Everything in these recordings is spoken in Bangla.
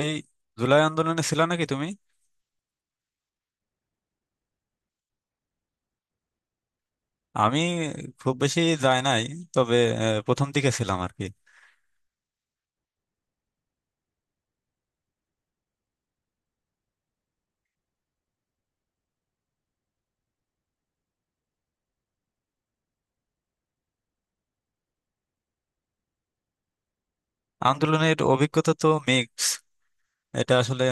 এই জুলাই আন্দোলনে ছিল নাকি তুমি? আমি খুব বেশি যাই নাই, তবে প্রথম দিকে ছিলাম আর কি। আন্দোলনের অভিজ্ঞতা তো মিক্স। এটা আসলে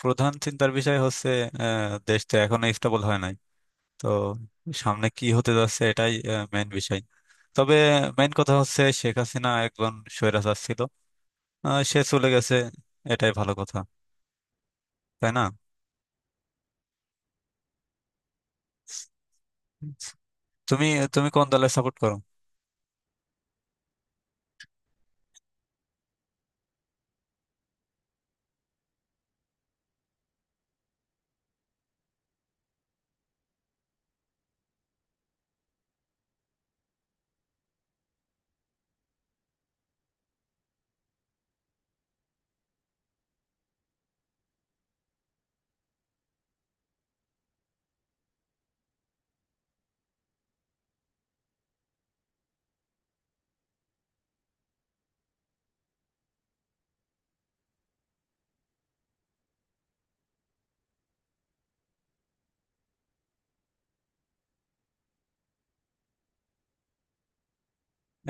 প্রধান চিন্তার বিষয় হচ্ছে, দেশটা এখনো স্টেবল হয় নাই। তো সামনে কি হতে যাচ্ছে এটাই মেইন বিষয়। তবে মেইন কথা হচ্ছে শেখ হাসিনা একজন স্বৈরাচার ছিল। সে চলে গেছে, এটাই ভালো কথা, তাই না? তুমি তুমি কোন দলের সাপোর্ট করো?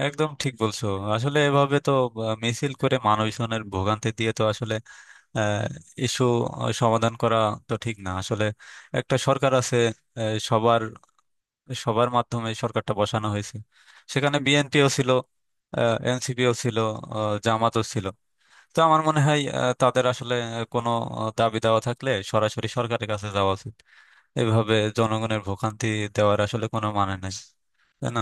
একদম ঠিক বলছো। আসলে এভাবে তো মিছিল করে মানুষজনের ভোগান্তি দিয়ে তো আসলে ইস্যু সমাধান করা তো ঠিক না আসলে। একটা সরকার আছে, সবার সবার মাধ্যমে সরকারটা বসানো হয়েছে। সেখানে বিএনপিও ছিল, এনসিপিও ছিল, জামাতও ছিল। তো আমার মনে হয় তাদের আসলে কোনো দাবি দাওয়া থাকলে সরাসরি সরকারের কাছে যাওয়া উচিত। এভাবে জনগণের ভোগান্তি দেওয়ার আসলে কোনো মানে নাই, তাই না?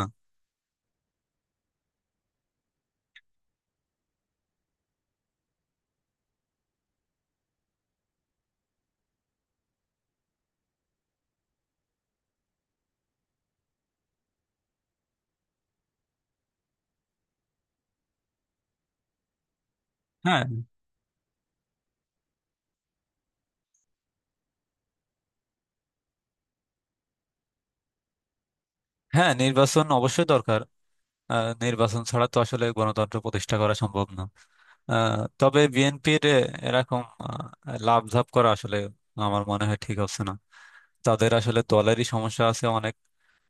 হ্যাঁ, হ্যাঁ, নির্বাচন অবশ্যই দরকার। নির্বাচন ছাড়া তো আসলে গণতন্ত্র প্রতিষ্ঠা করা সম্ভব না। তবে বিএনপির এরকম লাফঝাপ করা আসলে আমার মনে হয় ঠিক হচ্ছে না। তাদের আসলে দলেরই সমস্যা আছে অনেক।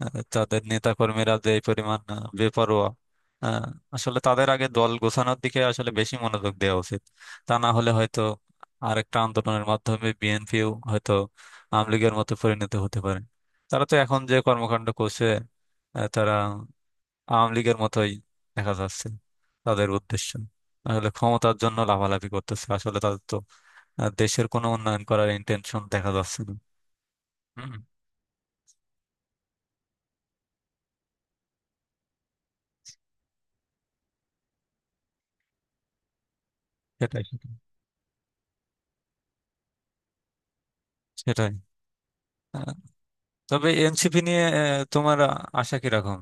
তাদের নেতাকর্মীরা যে পরিমাণ বেপরোয়া, আহ, আসলে তাদের আগে দল গোছানোর দিকে আসলে বেশি মনোযোগ দেওয়া উচিত। তা না হলে হয়তো আরেকটা আন্দোলনের মাধ্যমে বিএনপিও হয়তো আওয়ামী লীগের মতো পরিণত হতে পারে। তারা তো এখন যে কর্মকাণ্ড করছে, তারা আওয়ামী লীগের মতোই দেখা যাচ্ছে। তাদের উদ্দেশ্য আসলে ক্ষমতার জন্য লাভালাভি করতেছে। আসলে তাদের তো দেশের কোনো উন্নয়ন করার ইন্টেনশন দেখা যাচ্ছে না। হুম, সেটাই, সেটাই, সেটাই। আহ, তবে এনসিপি নিয়ে তোমার আশা কিরকম?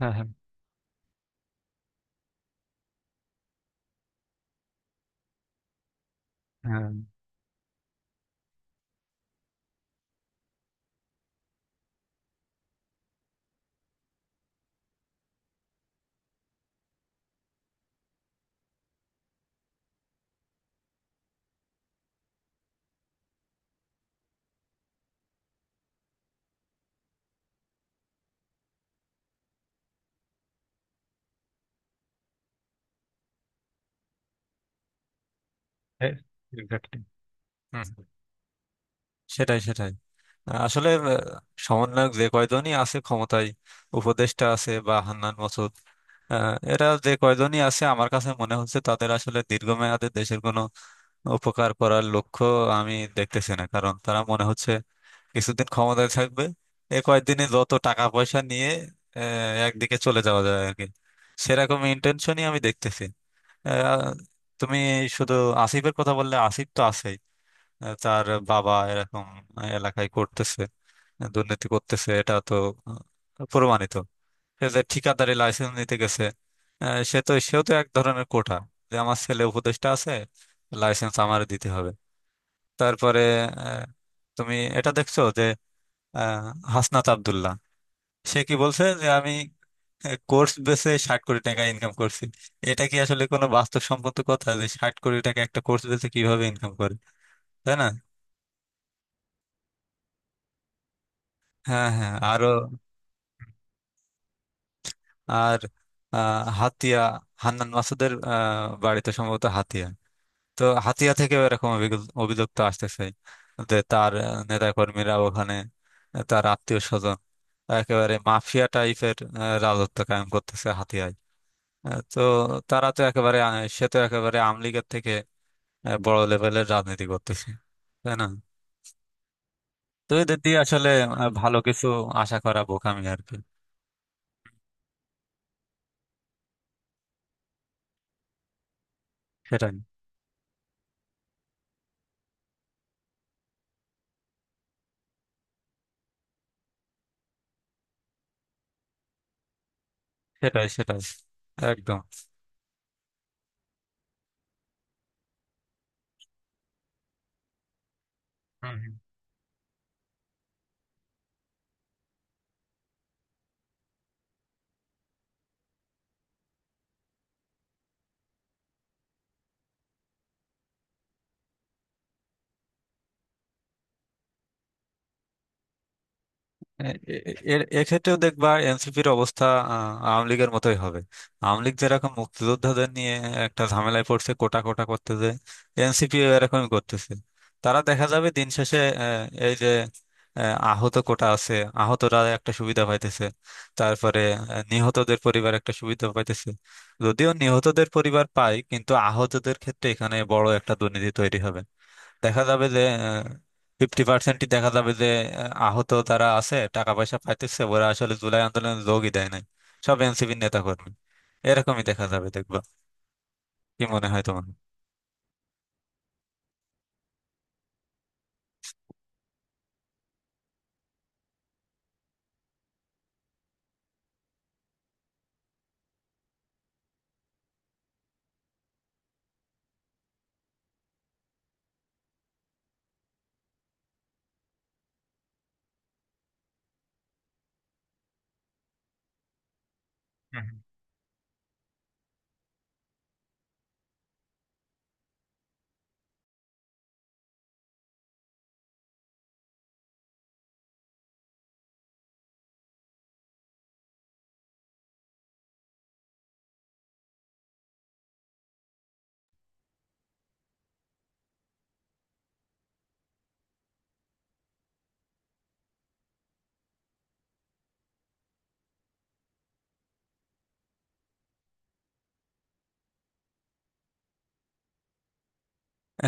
হ্যাঁ, হ্যাঁ, হ্যাঁ, হ্যাঁ, exactly. হুম, হুম। সেটাই, সেটাই। আসলে সমন্বয়ক যে কয়জনই আছে ক্ষমতায়, উপদেষ্টা আছে বা হান্নান মাসুদ, এরা যে কয়জনই আছে আমার কাছে মনে হচ্ছে তাদের আসলে দীর্ঘমেয়াদে দেশের কোনো উপকার করার লক্ষ্য আমি দেখতেছি না। কারণ তারা মনে হচ্ছে কিছুদিন ক্ষমতায় থাকবে, এ কয়েকদিনে যত টাকা পয়সা নিয়ে একদিকে চলে যাওয়া যায় আর কি, সেরকম ইন্টেনশনই আমি দেখতেছি। আহ, তুমি শুধু আসিফের কথা বললে, আসিফ তো আছেই, তার বাবা এরকম এলাকায় করতেছে, দুর্নীতি করতেছে, এটা তো প্রমাণিত। সে যে ঠিকাদারি লাইসেন্স নিতে গেছে, সে তো সেও তো এক ধরনের কোটা যে আমার ছেলে উপদেষ্টা আছে, লাইসেন্স আমার দিতে হবে। তারপরে আহ, তুমি এটা দেখছো যে আহ, হাসনাত আব্দুল্লাহ সে কি বলছে যে আমি কোর্স বেসে 60 কোটি টাকা ইনকাম করছি। এটা কি আসলে কোনো বাস্তবসম্মত কথা যে 60 কোটি টাকা একটা কোর্স বেসে কিভাবে ইনকাম করে? তাই না? হ্যাঁ, হ্যাঁ, আরো। আর আহ, হাতিয়া হান্নান মাসুদের বাড়িতে সম্ভবত হাতিয়া, তো হাতিয়া থেকে এরকম অভিযোগ অভিযোগ তো আসতেছে যে তার নেতা কর্মীরা ওখানে, তার আত্মীয় স্বজন একেবারে মাফিয়া টাইপের রাজত্ব কায়েম করতেছে হাতিয়ায়। তো তারা তো একেবারে সে তো একেবারে আওয়ামী লীগের থেকে বড় লেভেলের রাজনীতি করতেছে, তাই না? তো এদের দিয়ে আসলে ভালো কিছু আশা করা বোকামি আর কি। সেটাই, সেটাই, সেটাই একদম। হুম, হুম। এ- এ- এক্ষেত্রেও দেখবা এনসিপির অবস্থা আওয়ামী লীগের মতোই হবে। আওয়ামী লীগ যেরকম মুক্তিযোদ্ধাদের নিয়ে একটা ঝামেলায় পড়ছে কোটা কোটা করতে, যে এনসিপিও এরকমই করতেছে। তারা দেখা যাবে দিন শেষে, এই যে আহত কোটা আছে, আহতরা একটা সুবিধা পাইতেছে, তারপরে নিহতদের পরিবার একটা সুবিধা পাইতেছে। যদিও নিহতদের পরিবার পায়, কিন্তু আহতদের ক্ষেত্রে এখানে বড় একটা দুর্নীতি তৈরি হবে। দেখা যাবে যে ফিফটি পার্সেন্টই দেখা যাবে যে আহত তারা আছে, টাকা পয়সা পাইতেছে, ওরা আসলে জুলাই আন্দোলনে যোগই দেয় নাই, সব এনসিপির নেতা কর্মী। এরকমই দেখা যাবে, দেখবা। কি মনে হয় তোমার? হুম, হুম।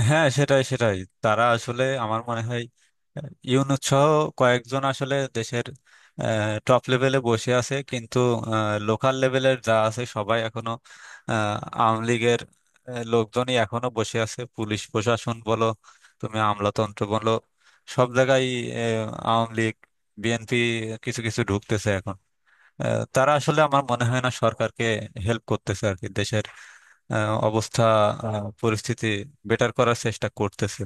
হ্যাঁ, সেটাই, সেটাই। তারা আসলে আমার মনে হয় ইউনূস সহ কয়েকজন আসলে দেশের টপ লেভেলে বসে আছে, কিন্তু লোকাল লেভেলের যা আছে সবাই এখনো আওয়ামী লীগের লোকজনই এখনো বসে আছে। পুলিশ প্রশাসন বলো, তুমি আমলাতন্ত্র বলো, সব জায়গায় আওয়ামী লীগ। বিএনপি কিছু কিছু ঢুকতেছে এখন। তারা আসলে আমার মনে হয় না সরকারকে হেল্প করতেছে আর কি, দেশের আহ, অবস্থা পরিস্থিতি বেটার করার চেষ্টা করতেছে।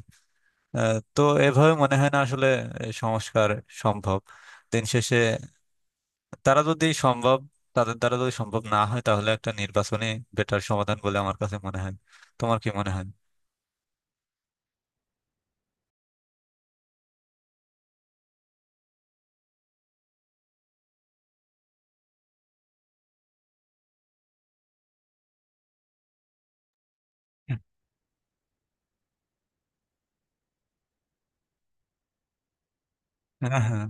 তো এভাবে মনে হয় না আসলে এই সংস্কার সম্ভব। দিন শেষে তারা যদি সম্ভব তাদের দ্বারা যদি সম্ভব না হয়, তাহলে একটা নির্বাচনী বেটার সমাধান বলে আমার কাছে মনে হয়। তোমার কি মনে হয়? হ্যাঁ, হ্যাঁ,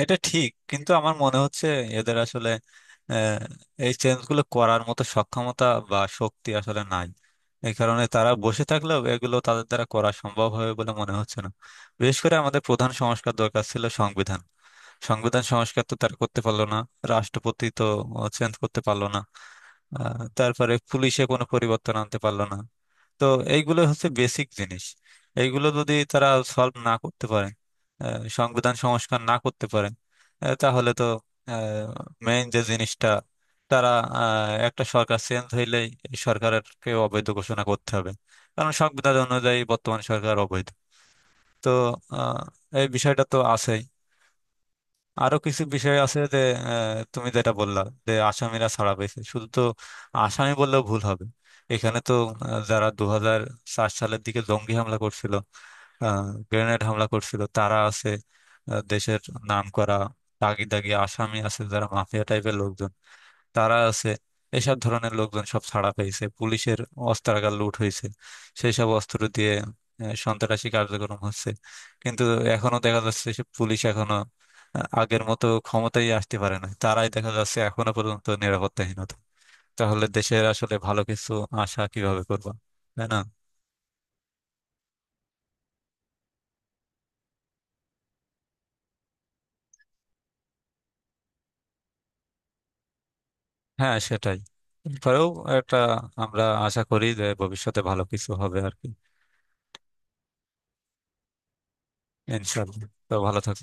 এটা ঠিক, কিন্তু আমার মনে হচ্ছে এদের আসলে আহ, এই চেঞ্জগুলো করার মতো সক্ষমতা বা শক্তি আসলে নাই। এই কারণে তারা বসে থাকলেও এগুলো তাদের দ্বারা করা সম্ভব হবে বলে মনে হচ্ছে না। বিশেষ করে আমাদের প্রধান সংস্কার দরকার ছিল সংবিধান। সংবিধান সংস্কার তো তার করতে পারলো না, রাষ্ট্রপতি তো চেঞ্জ করতে পারলো না, তারপরে পুলিশে কোনো পরিবর্তন আনতে পারলো না। তো এইগুলো হচ্ছে বেসিক জিনিস। এইগুলো যদি তারা সলভ না করতে পারে, সংবিধান সংস্কার না করতে পারে, তাহলে তো মেইন যে জিনিসটা তারা, একটা সরকার চেঞ্জ হইলেই এই সরকারকে অবৈধ ঘোষণা করতে হবে, কারণ সংবিধান অনুযায়ী বর্তমান সরকার অবৈধ। তো আহ, এই বিষয়টা তো আছেই। আরো কিছু বিষয় আছে যে তুমি যেটা বললা যে আসামিরা ছাড়া পেয়েছে, শুধু তো আসামি বললেও ভুল হবে। এখানে তো যারা 2004 সালের দিকে জঙ্গি হামলা করছিল, গ্রেনেড হামলা করছিল, তারা আছে। দেশের নাম করা দাগি দাগি আসামি আছে যারা মাফিয়া টাইপের লোকজন, তারা আছে। এসব ধরনের লোকজন সব ছাড়া পেয়েছে। পুলিশের অস্ত্রাগার লুট হয়েছে, সেই সব অস্ত্র দিয়ে সন্ত্রাসী কার্যক্রম হচ্ছে। কিন্তু এখনো দেখা যাচ্ছে সে পুলিশ এখনো আগের মতো ক্ষমতায় আসতে পারে না। তারাই দেখা যাচ্ছে এখনো পর্যন্ত নিরাপত্তাহীনতা। তাহলে দেশের আসলে ভালো কিছু আশা কিভাবে করবো? তাই না? হ্যাঁ, সেটাই। তারপরেও একটা, আমরা আশা করি যে ভবিষ্যতে ভালো কিছু হবে আর কি। ইনশাল্লাহ, তো ভালো থাকো।